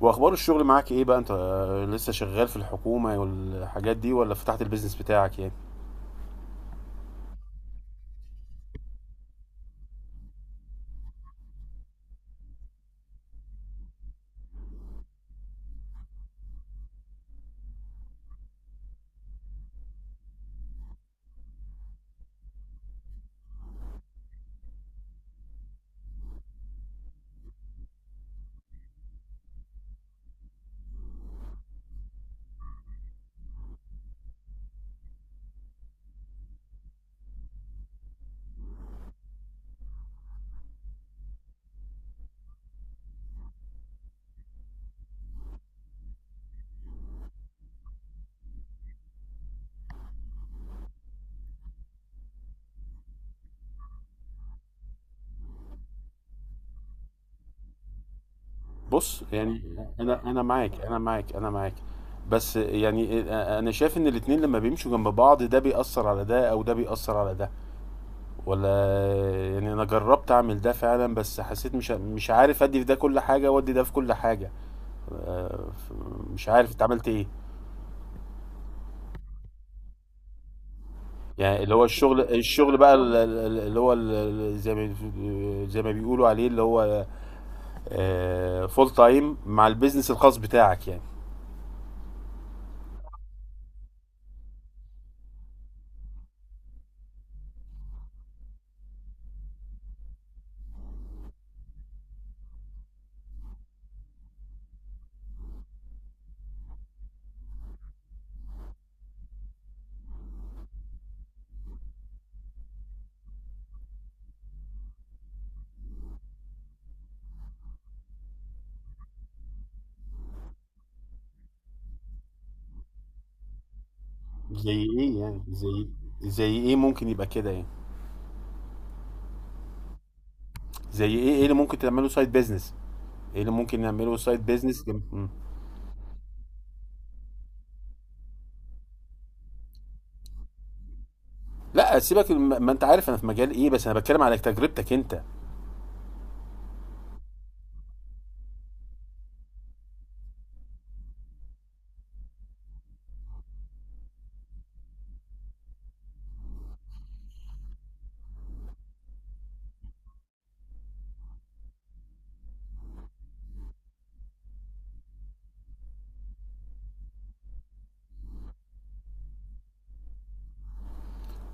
واخبار الشغل معاك ايه بقى انت، لسه شغال في الحكومة والحاجات دي ولا فتحت البيزنس بتاعك يعني؟ بص يعني، انا معاك، انا معاك، انا معاك. بس يعني، انا شايف ان الاتنين لما بيمشوا جنب بعض ده بيأثر على ده او ده بيأثر على ده، ولا؟ يعني انا جربت اعمل ده فعلا، بس حسيت مش عارف ادي في ده كل حاجة وادي ده في كل حاجة. آه، ف- مش عارف انت عملت ايه؟ يعني اللي هو الشغل بقى، اللي هو، زي ما بيقولوا عليه اللي هو فول تايم، مع البيزنس الخاص بتاعك يعني. زي ايه يعني؟ زي ايه ممكن يبقى كده يعني؟ زي ايه؟ ايه اللي ممكن تعمله سايد بيزنس؟ ايه اللي ممكن نعمله سايد بيزنس؟ لا سيبك، ما انت عارف انا في مجال ايه، بس انا بتكلم على تجربتك انت.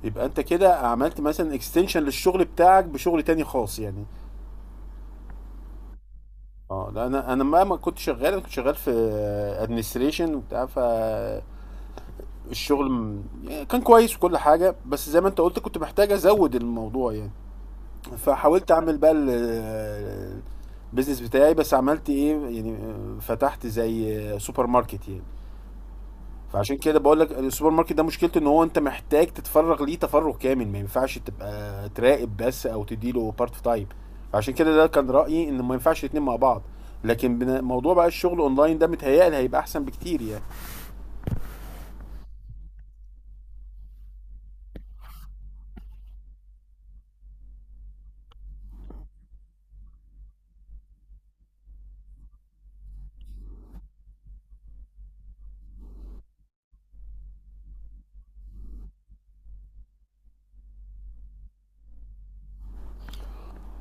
يبقى انت كده عملت مثلا اكستنشن للشغل بتاعك بشغل تاني خاص يعني؟ اه لا، انا ما كنت شغال، انا كنت شغال في ادمنستريشن وبتاع. فالشغل كان كويس وكل حاجه، بس زي ما انت قلت كنت محتاج ازود الموضوع يعني. فحاولت اعمل بقى البيزنس بتاعي، بس عملت ايه يعني؟ فتحت زي سوبر ماركت يعني. فعشان كده بقول لك، السوبر ماركت ده مشكلته ان هو انت محتاج تتفرغ ليه تفرغ كامل، ما ينفعش تبقى تراقب بس او تديله بارت تايم. عشان كده ده كان رأيي ان ما ينفعش الاتنين مع بعض. لكن موضوع بقى الشغل اونلاين ده متهيألي هيبقى احسن بكتير يعني.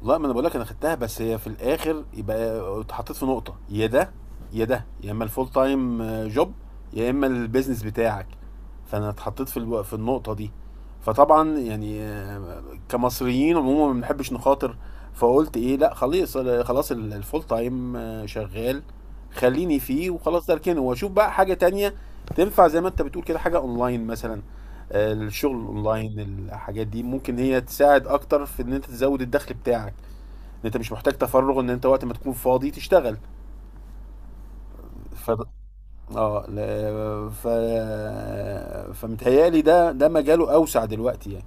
لا، ما انا بقول لك انا خدتها، بس هي في الاخر يبقى اتحطيت في نقطه، يا ده يا ده، يا اما الفول تايم جوب، يا اما البيزنس بتاعك. فانا اتحطيت في النقطه دي. فطبعا يعني، كمصريين عموما ما بنحبش نخاطر. فقلت ايه، لا خلاص خلاص، الفول تايم شغال، خليني فيه وخلاص، ده اركنه واشوف بقى حاجه تانية تنفع، زي ما انت بتقول كده، حاجه اونلاين مثلا. الشغل اونلاين، الحاجات دي ممكن هي تساعد اكتر في ان انت تزود الدخل بتاعك، ان انت مش محتاج تفرغ، ان انت وقت ما تكون فاضي تشتغل. ف اه ل... ف فمتهيألي ده مجاله اوسع دلوقتي يعني.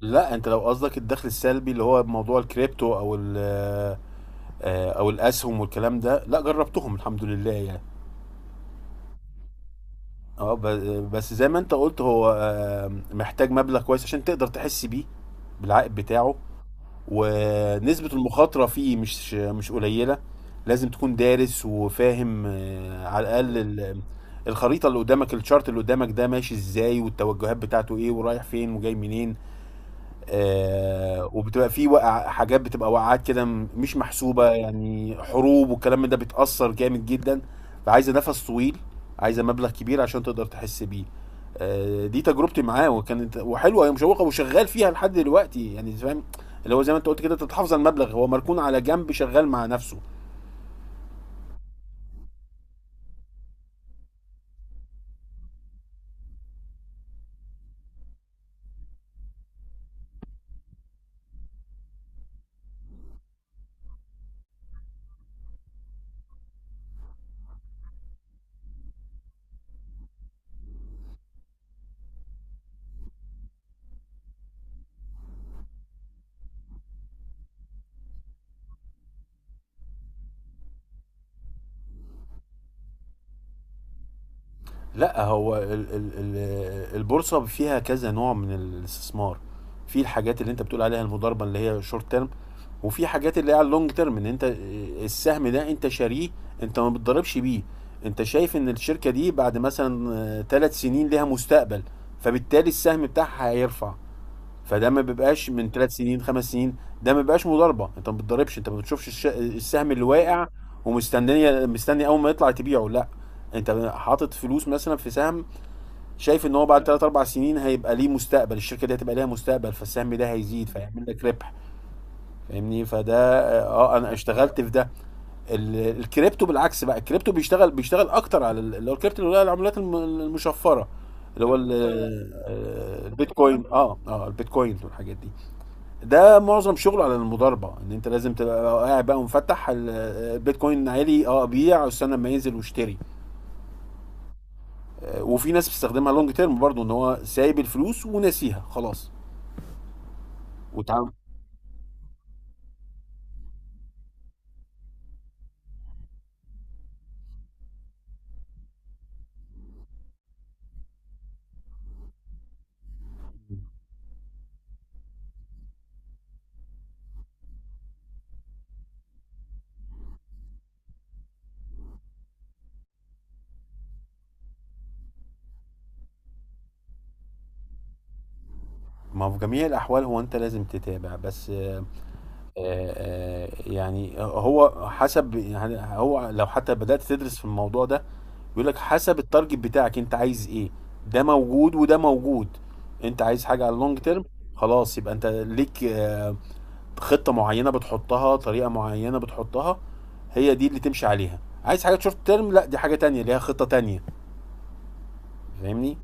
لا، انت لو قصدك الدخل السلبي اللي هو موضوع الكريبتو، او ال آه، او الاسهم والكلام ده، لا جربتهم الحمد لله يعني. اه، بس زي ما انت قلت، هو محتاج مبلغ كويس عشان تقدر تحس بيه، بالعائد بتاعه. ونسبة المخاطرة فيه مش قليلة. لازم تكون دارس وفاهم، على الأقل الخريطة اللي قدامك، الشارت اللي قدامك ده ماشي ازاي، والتوجهات بتاعته ايه، ورايح فين وجاي منين. وبتبقى في وقع، حاجات بتبقى وقعات كده مش محسوبة، يعني حروب والكلام من ده بتأثر جامد جدا. فعايزة نفس طويل، عايزة مبلغ كبير عشان تقدر تحس بيه. دي تجربتي معاه وكانت وحلوة، هي مشوقة وشغال فيها لحد دلوقتي يعني، فاهم؟ اللي هو زي ما انت قلت كده، تتحافظ على المبلغ، هو مركون على جنب شغال مع نفسه. لا هو، ال ال ال البورصه فيها كذا نوع من الاستثمار. في الحاجات اللي انت بتقول عليها المضاربه اللي هي شورت تيرم، وفي حاجات اللي هي على اللونج تيرم، ان انت السهم ده انت شاريه، انت ما بتضربش بيه. انت شايف ان الشركه دي بعد مثلا 3 سنين ليها مستقبل، فبالتالي السهم بتاعها هيرفع. فده ما بيبقاش من 3 سنين، 5 سنين. ده ما بيبقاش مضاربه، انت ما بتضربش، انت ما بتشوفش السهم اللي واقع مستني اول ما يطلع تبيعه. لا، انت حاطط فلوس مثلا في سهم، شايف ان هو بعد 3 4 سنين هيبقى ليه مستقبل، الشركه دي هتبقى ليها مستقبل، فالسهم ده هيزيد فيعمل لك ربح. فاهمني؟ فده اه آه، انا اشتغلت في ده. الكريبتو بالعكس بقى، الكريبتو بيشتغل اكتر على اللي هو الكريبتو، اللي هو العملات المشفره، اللي هو البيتكوين، البيتكوين والحاجات دي. ده معظم شغله على المضاربه، ان انت لازم تبقى قاعد بقى ومفتح، البيتكوين عالي، اه ابيع، استنى لما ينزل واشتري. وفي ناس بتستخدمها لونج تيرم برضو، ان هو سايب الفلوس وناسيها خلاص. وتعامل ما هو في جميع الاحوال هو انت لازم تتابع بس، يعني هو حسب يعني، هو لو حتى بدات تدرس في الموضوع ده، بيقول لك حسب التارجت بتاعك انت عايز ايه. ده موجود وده موجود. انت عايز حاجه على اللونج تيرم، خلاص يبقى انت ليك خطه معينه بتحطها، طريقه معينه بتحطها، هي دي اللي تمشي عليها. عايز حاجه شورت تيرم، لا دي حاجه تانية ليها خطه تانية. فاهمني؟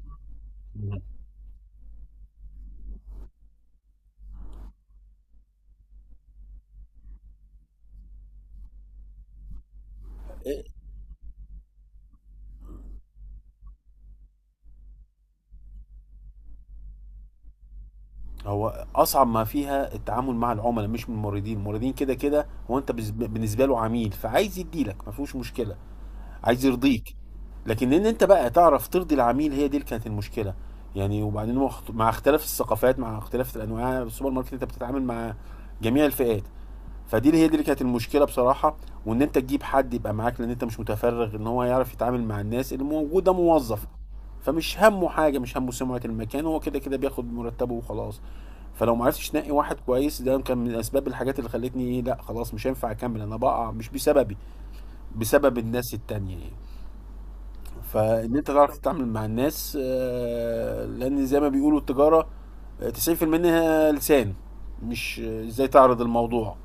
هو اصعب ما فيها التعامل مع العملاء مش من الموردين، الموردين كده كده هو انت بالنسبه له عميل، فعايز يديلك ما فيهوش مشكله، عايز يرضيك. لكن ان انت بقى تعرف ترضي العميل، هي دي اللي كانت المشكله. يعني وبعدين مع مع اختلاف الثقافات، مع اختلاف الانواع، السوبر ماركت انت بتتعامل مع جميع الفئات. فدي اللي هي دي اللي كانت المشكله بصراحه. وان انت تجيب حد يبقى معاك لان انت مش متفرغ، ان هو يعرف يتعامل مع الناس اللي موجوده، موظف. فمش همه حاجه، مش همه سمعه المكان، هو كده كده بياخد مرتبه وخلاص. فلو ما عرفتش تنقي واحد كويس، ده كان من اسباب الحاجات اللي خلتني ايه، لا خلاص مش هينفع اكمل، انا بقع مش بسببي، بسبب الناس التانية يعني. فان انت تعرف تتعامل مع الناس، لان زي ما بيقولوا التجاره، 90% منها لسان، مش ازاي تعرض الموضوع.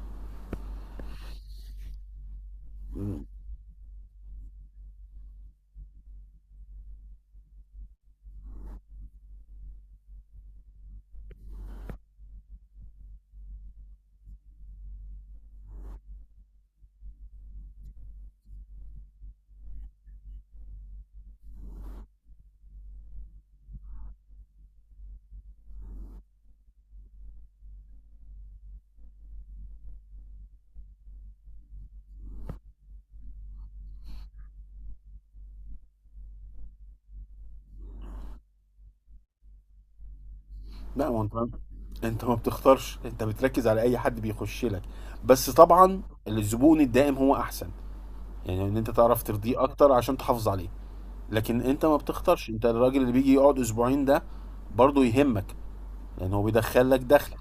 لا، ما انت انت ما بتختارش، انت بتركز على اي حد بيخش لك. بس طبعا الزبون الدائم هو احسن، يعني ان انت تعرف ترضيه اكتر عشان تحافظ عليه. لكن انت ما بتختارش، انت الراجل اللي بيجي يقعد اسبوعين ده برضه يهمك، لان هو بيدخل لك دخل.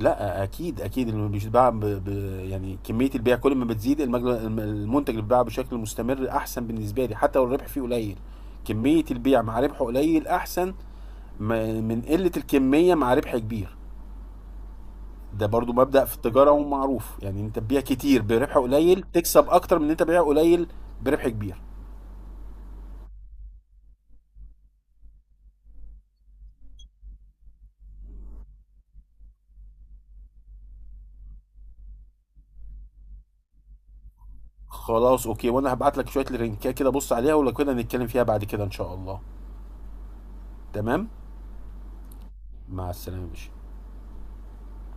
لا اكيد اكيد، اللي بيتباع يعني كميه البيع كل ما بتزيد، المنتج اللي بيتباع بشكل مستمر احسن بالنسبه لي حتى لو الربح فيه قليل. كميه البيع مع ربحه قليل احسن من قله الكميه مع ربح كبير. ده برضو مبدأ في التجارة ومعروف، يعني انت تبيع كتير بربح قليل تكسب اكتر من ان انت بيع قليل بربح كبير. خلاص اوكي، وانا هبعت لك شوية لينكات كده بص عليها، ولو كده نتكلم فيها بعد كده ان شاء الله. تمام. مع السلامة يا باشا.